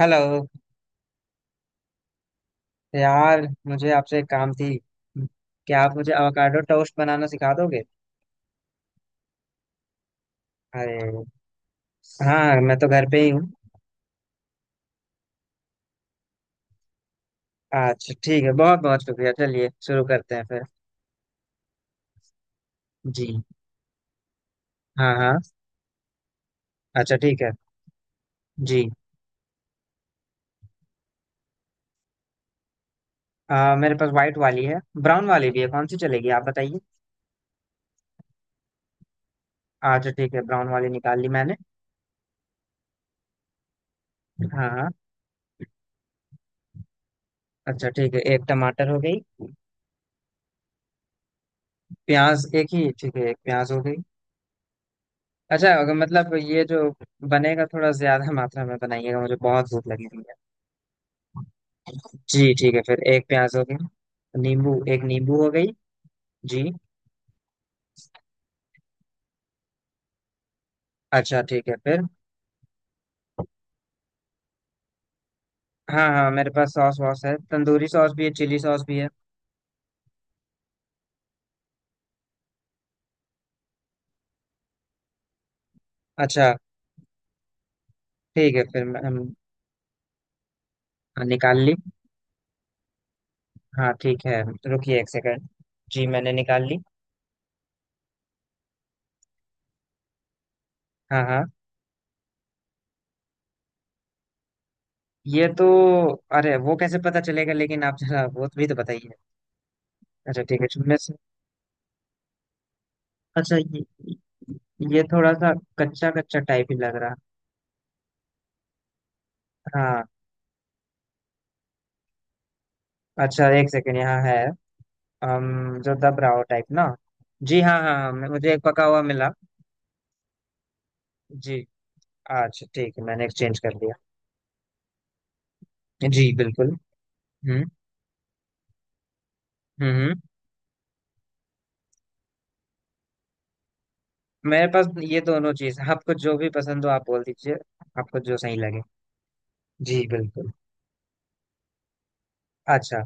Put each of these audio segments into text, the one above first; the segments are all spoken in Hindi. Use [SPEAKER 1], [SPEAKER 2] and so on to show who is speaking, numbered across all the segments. [SPEAKER 1] हेलो यार, मुझे आपसे एक काम थी। क्या आप मुझे अवाकाडो टोस्ट बनाना सिखा दोगे? अरे हाँ, मैं तो घर पे ही हूँ। अच्छा ठीक है, बहुत बहुत शुक्रिया, चलिए शुरू करते हैं फिर। जी हाँ हाँ। अच्छा ठीक है। जी। मेरे पास वाइट वाली है। ब्राउन वाली भी है, कौन सी चलेगी आप बताइए। अच्छा ठीक है, ब्राउन वाली निकाल ली मैंने। हाँ हाँ। अच्छा ठीक है, एक टमाटर हो गई। प्याज एक ही ठीक है, एक प्याज हो गई। अच्छा, अगर मतलब ये जो बनेगा थोड़ा ज्यादा मात्रा में बनाइएगा, मुझे बहुत भूख लगी। जी ठीक है, फिर एक प्याज हो गया, नींबू एक नींबू हो गई। जी। अच्छा ठीक है फिर। हाँ हाँ, मेरे पास सॉस वॉस है, तंदूरी सॉस भी है, चिली सॉस भी है। अच्छा ठीक है फिर। हाँ, निकाल ली। हाँ ठीक है। रुकिए एक सेकंड। जी मैंने निकाल ली। हाँ हाँ। ये तो, अरे वो कैसे पता चलेगा, लेकिन आप जरा वो भी तो बताइए। अच्छा ठीक है, इनमें से। अच्छा, ये थोड़ा सा कच्चा कच्चा टाइप ही लग रहा। हाँ। अच्छा एक सेकंड, यहाँ है, हम जो दब रहा हो टाइप ना। जी हाँ हाँ हाँ, मुझे एक पका हुआ मिला। जी। अच्छा ठीक है, मैंने एक्सचेंज कर लिया। जी बिल्कुल। हम्म हम्म हम्म। मेरे पास ये दोनों चीज, आपको जो भी पसंद हो आप बोल दीजिए, आपको जो सही लगे। जी बिल्कुल। अच्छा,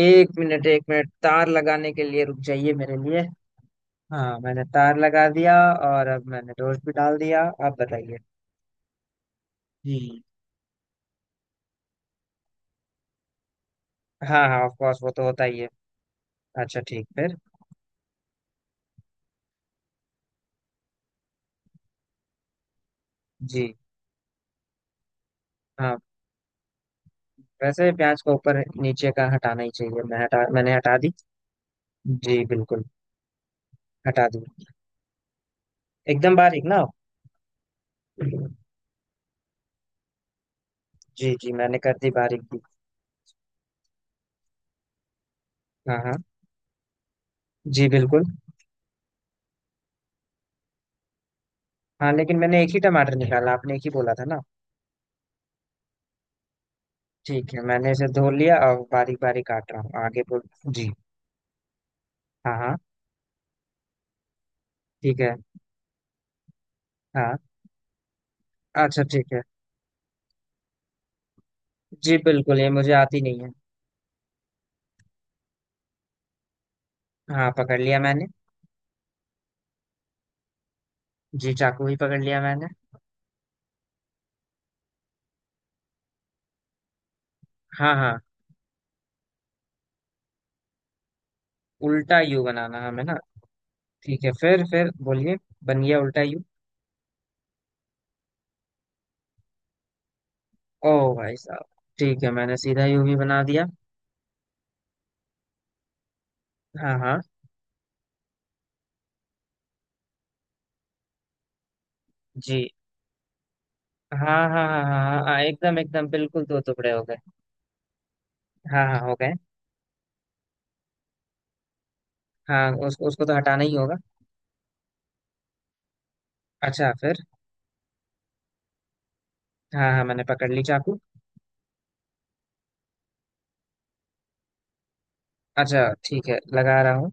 [SPEAKER 1] एक मिनट एक मिनट, तार लगाने के लिए रुक जाइए मेरे लिए। हाँ मैंने तार लगा दिया, और अब मैंने टोस्ट भी डाल दिया, आप बताइए। जी। हाँ हाँ, ऑफ कोर्स वो तो होता ही है। अच्छा ठीक, फिर? जी। हाँ, वैसे प्याज को ऊपर नीचे का हटाना ही चाहिए, मैं हटा, मैंने हटा दी। जी बिल्कुल। हटा दी। एकदम बारीक ना हो। जी जी, मैंने कर दी, बारीक दी। हाँ हाँ। जी बिल्कुल। हाँ लेकिन मैंने एक ही टमाटर निकाला, आपने एक ही बोला था ना। ठीक है, मैंने इसे धो लिया और बारीक बारीक काट रहा हूँ, आगे बोल। जी। हाँ हाँ। ठीक है। हाँ। अच्छा ठीक है। जी बिल्कुल, ये मुझे आती नहीं है। हाँ पकड़ लिया मैंने। जी, चाकू ही पकड़ लिया मैंने। हाँ हाँ। उल्टा यू बनाना हमें ना। ठीक है फिर बोलिए। बन गया उल्टा यू। ओ भाई साहब, ठीक है, मैंने सीधा यूवी बना दिया। हाँ हाँ। जी। हाँ हाँ हाँ हाँ हाँ हाँ, एकदम एकदम बिल्कुल दो टुकड़े हो गए। हाँ हाँ हो गए। हाँ, उसको उसको तो हटाना ही होगा। अच्छा फिर? हाँ हाँ, मैंने पकड़ ली चाकू। अच्छा ठीक है, लगा रहा हूँ।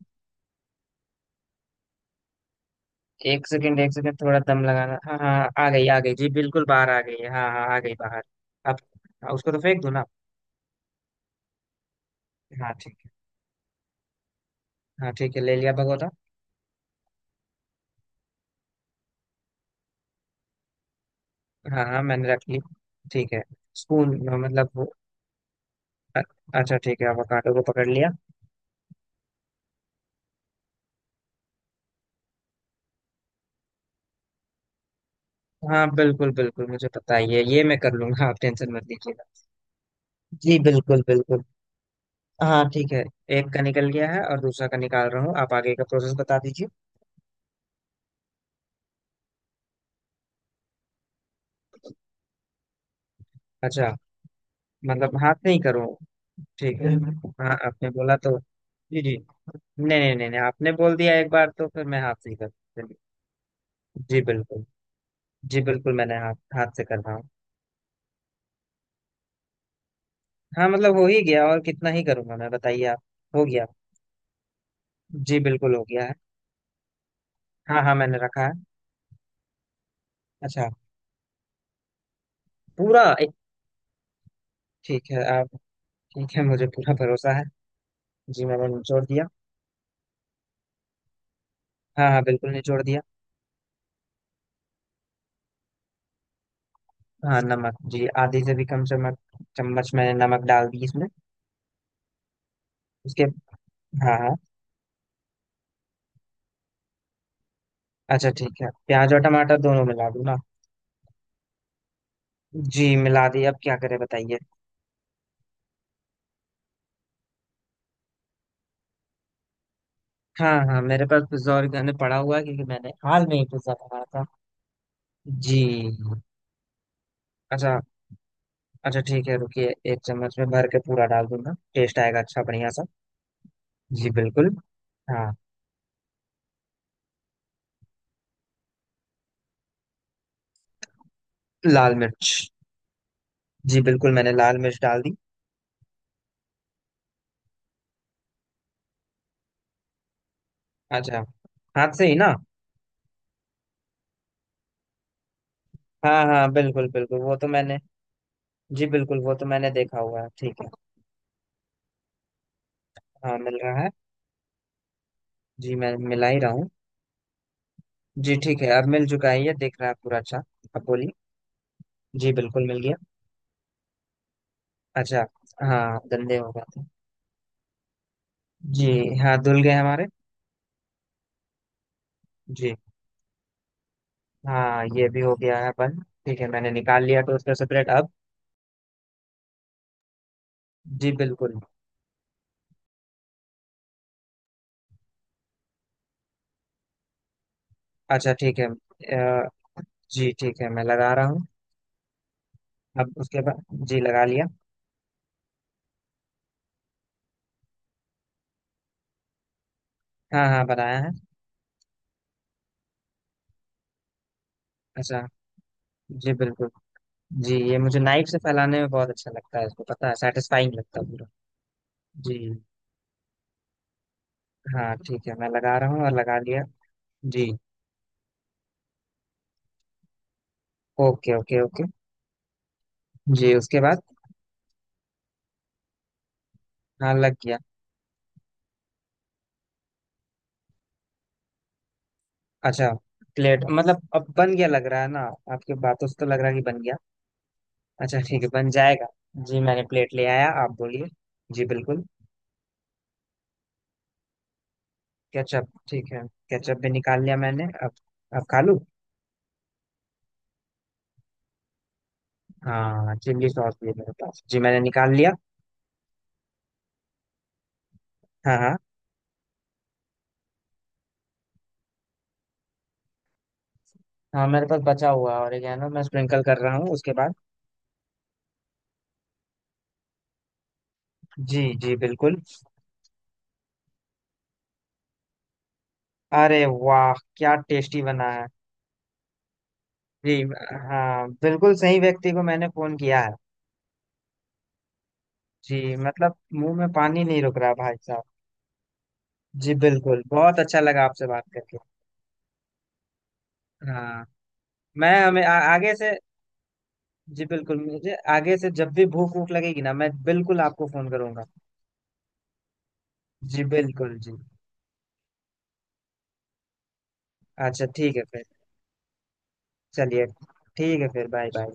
[SPEAKER 1] एक सेकंड एक सेकंड, थोड़ा दम लगाना, हाँ हाँ आ गई आ गई, जी बिल्कुल बाहर आ गई है, हाँ हाँ आ गई बाहर। अब हाँ, उसको तो फेंक दो ना। हाँ ठीक है, हाँ ठीक है, ले लिया भगोटा। हाँ हाँ मैंने रख ली। ठीक है, स्पून। मतलब वो- अच्छा ठीक है, अवोकाडो को पकड़ लिया। हाँ बिल्कुल बिल्कुल, मुझे पता ही है, ये मैं कर लूंगा, आप टेंशन मत लीजिएगा। जी बिल्कुल बिल्कुल। हाँ ठीक है, एक का निकल गया है और दूसरा का निकाल रहा हूँ, आप आगे का प्रोसेस बता दीजिए। अच्छा, मतलब हाथ नहीं करो। ठीक है। हाँ आपने बोला तो। जी जी। नहीं नहीं नहीं नहीं, आपने बोल दिया एक बार तो फिर मैं हाथ से ही कर, चलिए। जी बिल्कुल। जी बिल्कुल, मैंने हाथ हाथ से कर रहा हूँ। हाँ मतलब हो ही गया, और कितना ही करूंगा मैं, बताइए आप। हो गया। जी बिल्कुल हो गया है। हाँ हाँ मैंने रखा है। अच्छा। पूरा एक? ठीक है आप। ठीक है, मुझे पूरा भरोसा है। जी मैंने निचोड़ दिया। हाँ हाँ बिल्कुल निचोड़ दिया। हाँ नमक, जी, आधे से भी कम चम्मच, चम्मच मैंने नमक डाल दी इसमें। उसके। हाँ हाँ। अच्छा ठीक है, प्याज और टमाटर दोनों मिला दूँ ना। जी मिला दिए, अब क्या करें बताइए। हाँ हाँ, मेरे पास पिज्जा घर पड़ा हुआ है क्योंकि मैंने हाल में ही पिज्जा मंगाया था। जी। अच्छा। अच्छा ठीक है, रुकिए एक चम्मच में भर के पूरा डाल दूंगा, टेस्ट आएगा अच्छा बढ़िया सा। जी बिल्कुल। हाँ। लाल मिर्च। जी बिल्कुल, मैंने लाल मिर्च डाल दी। अच्छा। हाथ से ही ना? हाँ हाँ बिल्कुल बिल्कुल, वो तो मैंने। जी बिल्कुल, वो तो मैंने देखा हुआ है, ठीक है। हाँ मिल रहा है। जी मैं मिला ही रहा हूँ। जी ठीक है, अब मिल चुका है, ये दिख रहा है पूरा अच्छा। अब बोलिए। जी बिल्कुल मिल गया। अच्छा। हाँ गंदे हो गए थे। जी हाँ धुल गए हमारे। जी। हाँ ये भी हो गया है बंद, ठीक है मैंने निकाल लिया टोस्टर से ब्रेड, अब? जी बिल्कुल। अच्छा ठीक है। अ, जी ठीक है, मैं लगा रहा हूँ। अब उसके बाद, जी लगा लिया। हाँ हाँ बनाया है। अच्छा। जी बिल्कुल। जी, ये मुझे नाइफ से फैलाने में बहुत अच्छा लगता है इसको, पता है, सेटिस्फाइंग लगता है पूरा। जी। हाँ ठीक है, मैं लगा रहा हूँ और लगा लिया। जी। Okay okay okay. जी उसके बाद। हाँ लग गया। अच्छा, प्लेट? मतलब अब बन गया, लग रहा है ना, आपकी बातों से तो लग रहा है कि बन गया। अच्छा ठीक है, बन जाएगा। जी मैंने प्लेट ले आया, आप बोलिए। जी बिल्कुल। केचप, ठीक है, केचप भी निकाल लिया मैंने, अब खा लूँ। हाँ चिल्ली सॉस भी है मेरे पास, जी मैंने निकाल लिया। हाँ हाँ। हाँ मेरे पास बचा हुआ है और ये है ना, मैं स्प्रिंकल कर रहा हूँ उसके बाद। जी जी बिल्कुल। अरे वाह, क्या टेस्टी बना है। जी। हाँ बिल्कुल, सही व्यक्ति को मैंने फोन किया है। जी, मतलब मुंह में पानी नहीं रुक रहा भाई साहब। जी बिल्कुल, बहुत अच्छा लगा आपसे बात करके। हाँ मैं, आगे से। जी बिल्कुल, मुझे आगे से जब भी भूख भूख लगेगी ना, मैं बिल्कुल आपको फोन करूंगा। जी बिल्कुल जी। अच्छा ठीक है फिर, चलिए ठीक है फिर, बाय बाय।